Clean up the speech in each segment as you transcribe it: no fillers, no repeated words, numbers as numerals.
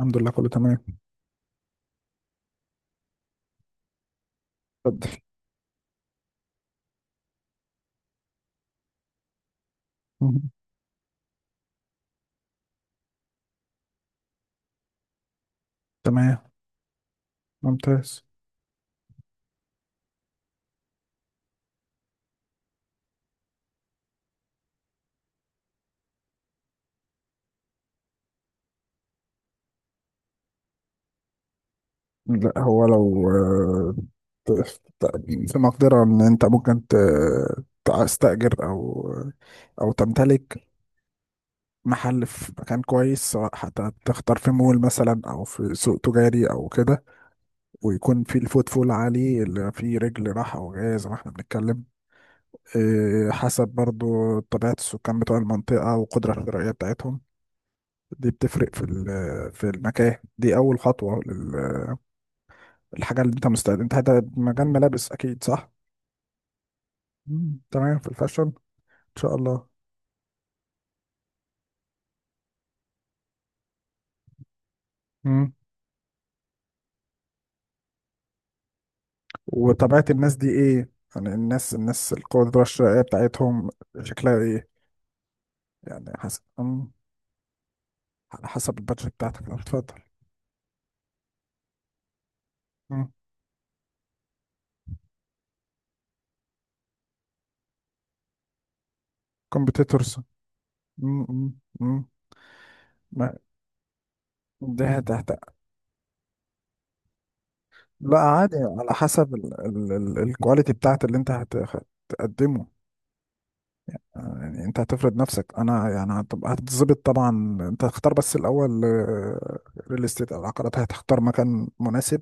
الحمد لله كله تمام. اتفضل. مم. تمام، ممتاز. لا هو لو في مقدرة ان انت ممكن تستأجر او تمتلك محل في مكان كويس، سواء حتى تختار في مول مثلا او في سوق تجاري او كده، ويكون في الفوت فول عالي، اللي فيه رجل راحة او جاية زي ما احنا بنتكلم. حسب برضو طبيعة السكان بتوع المنطقة والقدرة الشرائية بتاعتهم، دي بتفرق في في المكان. دي اول خطوه للحاجه اللي انت مستعد. انت هذا مجال ملابس اكيد، صح؟ مم. تمام، في الفاشن ان شاء الله. مم. وطبيعه الناس دي ايه؟ يعني الناس القدره الشرائيه بتاعتهم شكلها ايه؟ يعني حسب. مم. على حسب البادجت بتاعتك. لو اتفضل. كومبيتيتورز. ما ده تحت. لا عادي، على حسب الكواليتي بتاعت اللي انت هتقدمه. يعني انت هتفرض نفسك، انا يعني هتتظبط طبعا. انت هتختار بس الاول ريل استيت او العقارات، هتختار مكان مناسب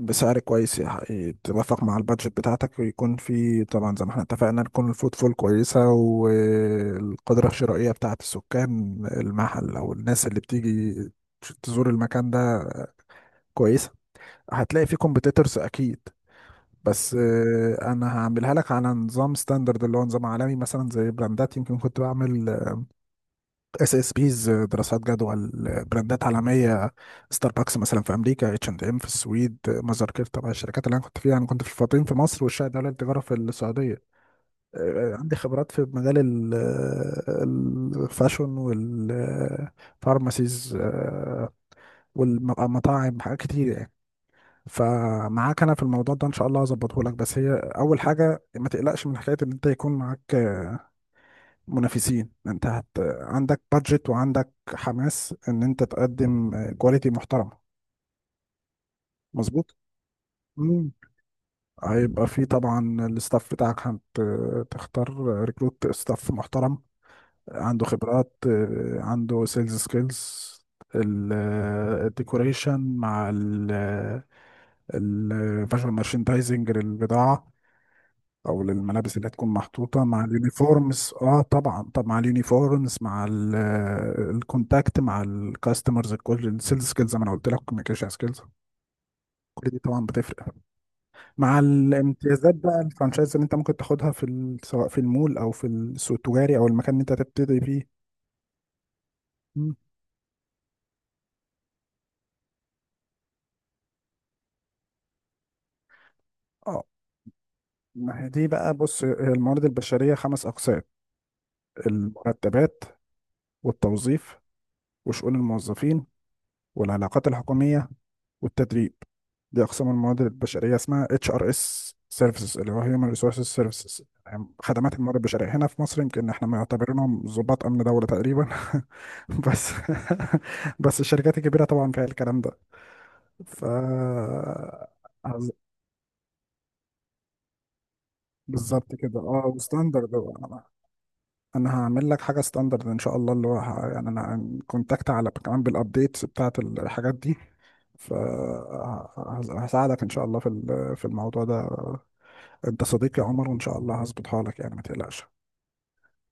بسعر كويس، يتوافق مع البادجت بتاعتك، ويكون في طبعا زي ما احنا اتفقنا، تكون الفوتفول كويسه، والقدره الشرائيه بتاعت السكان المحل او الناس اللي بتيجي تزور المكان ده كويسه. هتلاقي فيه كومبيتيتورز اكيد، بس انا هعملها لك على نظام ستاندرد، اللي هو نظام عالمي. مثلا زي براندات يمكن كنت بعمل اس اس بيز دراسات جدوى. براندات عالميه، ستاربكس مثلا في امريكا، اتش اند ام في السويد، مازر كير. طبعا الشركات اللي انا كنت فيها، انا كنت في الفاطمين في مصر، والشاهد دوله التجاره في السعوديه. عندي خبرات في مجال الفاشون والفارماسيز والمطاعم، حاجات كتير يعني. فمعاك انا في الموضوع ده ان شاء الله، هظبطه لك. بس هي اول حاجه، ما تقلقش من حكايه ان انت يكون معاك منافسين. انت عندك بادجت، وعندك حماس ان انت تقدم كواليتي محترمه. مظبوط. مم. هيبقى في طبعا الستاف بتاعك، هتختار ريكروت ستاف محترم، عنده خبرات، عنده سيلز سكيلز، الديكوريشن مع الفيجوال مارشندايزنج للبضاعة او للملابس اللي هتكون محطوطه، مع اليونيفورمز. اه طبعا، طب مع اليونيفورمز، مع الكونتاكت مع الكاستمرز، كل السيلز سكيلز زي ما انا قلت لك، كوميونيكيشن سكيلز. كل دي طبعا بتفرق، مع الامتيازات بقى، الفرانشايز اللي انت ممكن تاخدها في ال... سواء في المول او في السوق التجاري او المكان اللي انت هتبتدي فيه. مم. اه، ما هي دي بقى، بص، هي الموارد البشريه خمس اقسام: المرتبات، والتوظيف، وشؤون الموظفين، والعلاقات الحكوميه، والتدريب. دي اقسام الموارد البشريه، اسمها اتش ار اس سيرفيسز، اللي هو هيومن ريسورسز سيرفيسز، خدمات الموارد البشريه. هنا في مصر يمكن احنا معتبرينهم ضباط امن دوله تقريبا بس بس الشركات الكبيره طبعا فيها الكلام ده. ف عز- بالظبط كده، اه، وستاندرد بقى. انا هعمل لك حاجه ستاندرد ان شاء الله، اللي هو يعني انا كونتاكت على كمان بالابديتس بتاعت الحاجات دي. فهساعدك ان شاء الله في في الموضوع ده. انت صديقي يا عمر، وان شاء الله هظبطها لك يعني، ما تقلقش.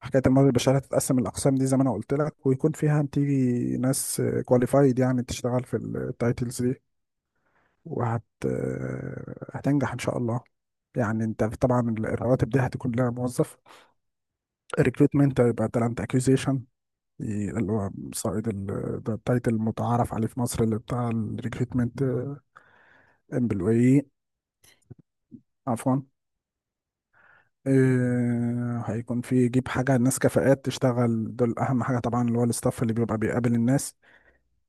حكايه الموارد البشريه هتتقسم الاقسام دي زي ما انا قلت لك، ويكون فيها هتيجي ناس كواليفايد يعني تشتغل في التايتلز دي، وهت آه، هتنجح ان شاء الله. يعني انت طبعا الرواتب دي هتكون لها موظف. الريكروتمنت هيبقى تالنت اكوزيشن، اللي هو صائد ده التايتل المتعارف عليه في مصر اللي بتاع الريكروتمنت امبلوي. عفوا، هيكون في يجيب حاجة الناس كفاءات تشتغل. دول أهم حاجة طبعا، اللي هو الستاف اللي بيبقى بيقابل الناس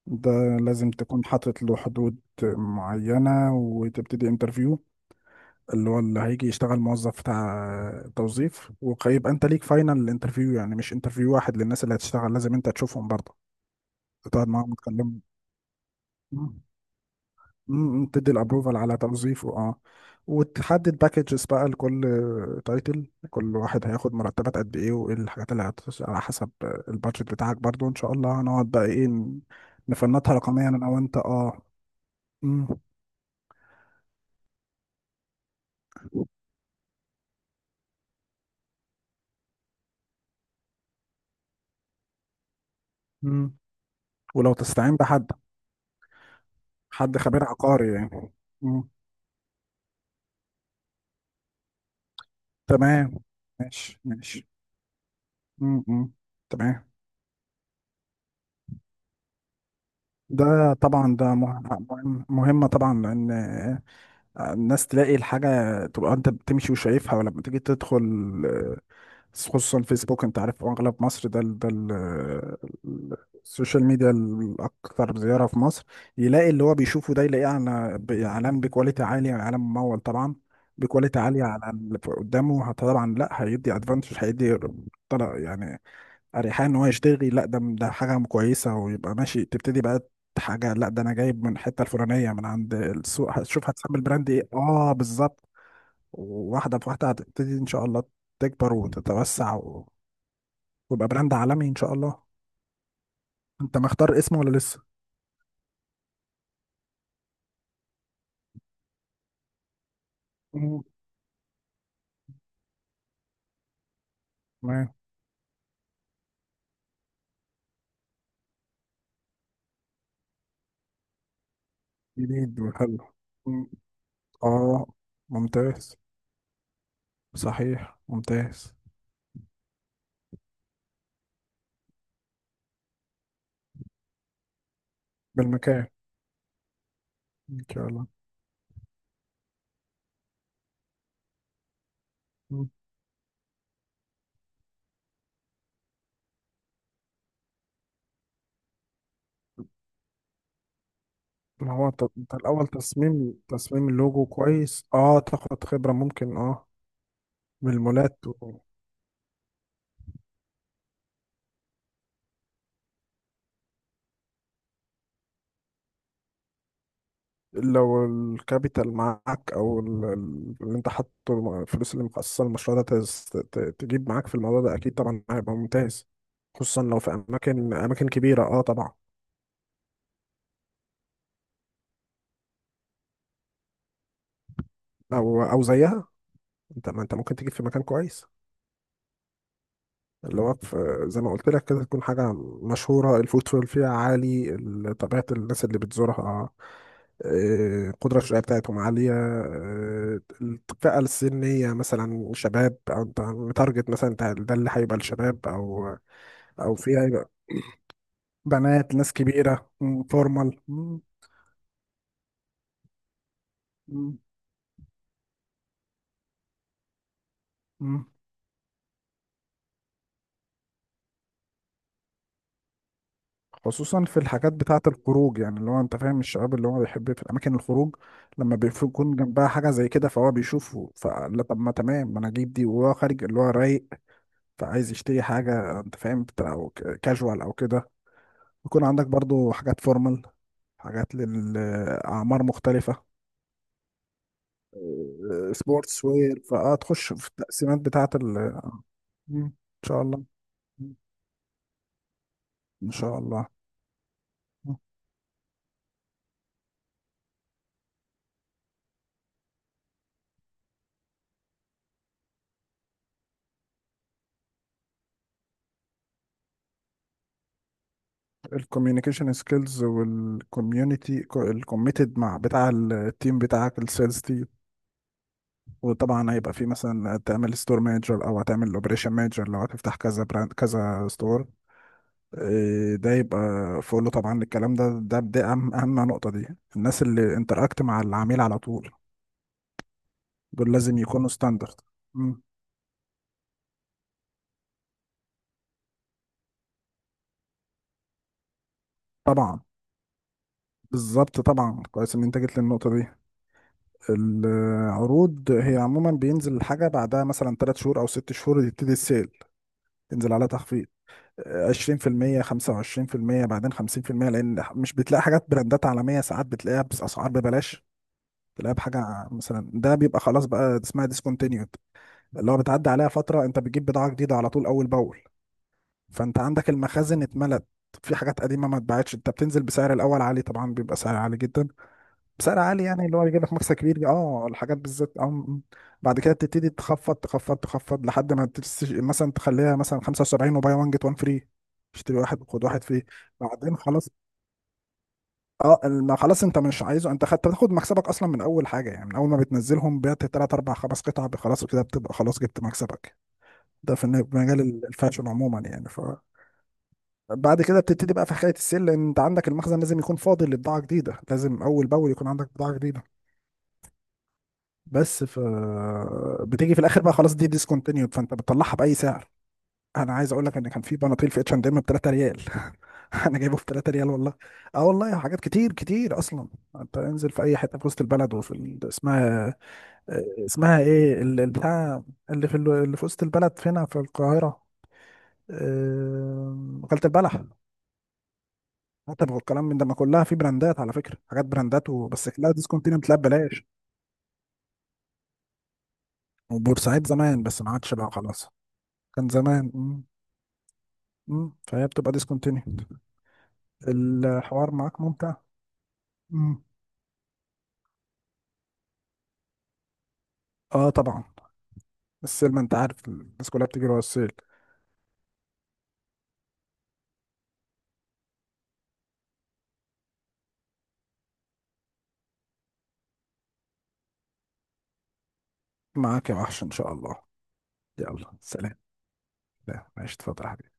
ده، لازم تكون حاطط له حدود معينة، وتبتدي انترفيو اللي هو اللي هيجي يشتغل موظف بتاع توظيف، ويبقى انت ليك فاينل انترفيو. يعني مش انترفيو واحد، للناس اللي هتشتغل لازم انت تشوفهم برضه، تقعد معاهم وتكلمهم. مم، تدي الابروفال على توظيفه، اه. وتحدد باكجز بقى لكل تايتل، كل واحد هياخد مرتبات قد ايه، وايه الحاجات اللي هتخش، على حسب البادجت بتاعك برضو. ان شاء الله هنقعد بقى ايه نفنطها رقميا انا وانت، اه. مم، مم. ولو تستعين بحد، حد خبير عقاري يعني. مم. تمام. ماشي ماشي. مم، مم. تمام. ده طبعا مهمة طبعا، لأن الناس تلاقي الحاجة، تبقى انت بتمشي وشايفها، ولما تيجي تدخل. آه، خصوصا فيسبوك، انت عارف اغلب مصر ال- السوشيال ميديا الاكثر زيارة في مصر. يلاقي اللي هو بيشوفه ده، يلاقيه على اعلان بكواليتي عالية، اعلان ممول طبعا، بكواليتي عالية. على اللي قدامه طبعا، لا، هيدي ادفانتج، هيدي طلع يعني اريحيه ان هو يشتغل. لا ده حاجه كويسه. ويبقى ماشي، تبتدي بقى حاجه. لا ده انا جايب من الحته الفلانيه من عند السوق. هتشوف هتسمي البراند ايه؟ اه بالظبط. واحده بواحده هتبتدي ان شاء الله تكبر وتتوسع و... ويبقى براند عالمي ان شاء الله. انت مختار اسمه ولا لسه؟ مم. تمام. جديد وحلو. مم. اه. ممتاز. صحيح، ممتاز. بالمكان ان شاء الله. ما هو انت انت الاول تصميم اللوجو كويس، اه، تاخد خبرة ممكن، اه، من المولات و... لو الكابيتال معاك، او اللي انت حاطه الفلوس اللي مخصصة للمشروع ده، تجيب معاك في الموضوع ده، اكيد طبعا هيبقى ممتاز. خصوصا لو في اماكن، اماكن كبيرة، اه طبعا. او زيها. انت، ما انت ممكن تجيب في مكان كويس اللي هو في زي ما قلت لك كده، تكون حاجة مشهورة الفوتفول فيها عالي، طبيعة الناس اللي بتزورها، القدرة الشرائية بتاعتهم عالية، الفئة السنية مثلا شباب، أو أنت متارجت مثلا. أنت ده اللي هيبقى الشباب، أو أو فيها يبقى بنات ناس كبيرة، مم، فورمال، مم، مم، مم. خصوصا في الحاجات بتاعة الخروج يعني، اللي هو انت فاهم الشباب اللي هو بيحب في الاماكن الخروج. لما بيكون جنبها حاجة زي كده، فهو بيشوفه، فلا طب ما تمام، ما انا اجيب دي وهو خارج، اللي هو رايق. فعايز يشتري حاجة انت فاهم، كاجوال او كده. يكون عندك برضو حاجات فورمال، حاجات للأعمار مختلفة، اه، سبورتس وير. فهتخش في التقسيمات بتاعة ال. مم. ان شاء الله. مم. ان شاء الله. الكوميونيكيشن سكيلز والكوميونتي الكوميتد مع بتاع التيم بتاعك، السيلز تيم. وطبعا هيبقى في مثلا تعمل ستور مانجر، او هتعمل اوبريشن مانجر لو هتفتح كذا براند كذا ستور. ده يبقى فوق له طبعا الكلام ده، اهم نقطة دي، الناس اللي انتراكت مع العميل على طول، دول لازم يكونوا ستاندرد. طبعا، بالظبط. طبعا كويس ان انت جيت للنقطه دي. العروض هي عموما بينزل الحاجه بعدها مثلا 3 شهور او 6 شهور، يبتدي السيل، تنزل عليها تخفيض، 20% 25%، بعدين 50%. لان مش بتلاقي حاجات براندات عالميه، ساعات بتلاقيها باسعار ببلاش، تلاقيها بحاجه مثلا. ده بيبقى خلاص بقى اسمها ديسكونتينيود، اللي هو بتعدي عليها فتره، انت بتجيب بضاعه جديده على طول اول باول. فانت عندك المخازن اتملت في حاجات قديمه ما اتباعتش، انت بتنزل بسعر الاول عالي طبعا، بيبقى سعر عالي جدا، بسعر عالي، يعني اللي هو يجيب لك مكسب كبير، اه، الحاجات بالذات، اه م- م. بعد كده بتبتدي تخفض لحد ما مثلا تخليها مثلا 75، وباي 1 جيت 1 فري، اشتري واحد وخد واحد فري. بعدين خلاص، اه. ما خلاص انت مش عايزه، انت خدت، تاخد مكسبك اصلا من اول حاجه. يعني من اول ما بتنزلهم بعت 3 4 5 قطع، خلاص كده بتبقى خلاص جبت مكسبك. ده في مجال الفاشن عموما يعني. ف بعد كده بتبتدي بقى في حكايه السيل، لان انت عندك المخزن لازم يكون فاضي لبضاعه جديده، لازم اول باول يكون عندك بضاعه جديده. بس ف بتيجي في الاخر بقى، خلاص دي ديسكونتينيود، فانت بتطلعها باي سعر. انا عايز اقول لك ان كان في بناطيل في اتش اند ام ب 3 ريال انا جايبه ب 3 ريال والله. اه والله، حاجات كتير اصلا. انت انزل في اي حته في وسط البلد، وفي ال... اسمها، اسمها ايه البتاع اللي في ال... اللي في وسط البلد فينا في القاهره، وكالة البلح. حتى والكلام من ده، ما كلها في براندات على فكره، حاجات براندات وبس، كلها ديسكونتينيو، بتلاقي ببلاش. وبورسعيد زمان، بس ما عادش بقى خلاص. كان زمان. مم. فهي بتبقى ديسكونتينيود. الحوار معاك ممتع. مم. اه طبعا، السيل ما انت عارف، الناس كلها بتجري ورا السيل. معاك يا وحش ان شاء الله. يلا سلام. لا ماشي اتفضل يا حبيبي.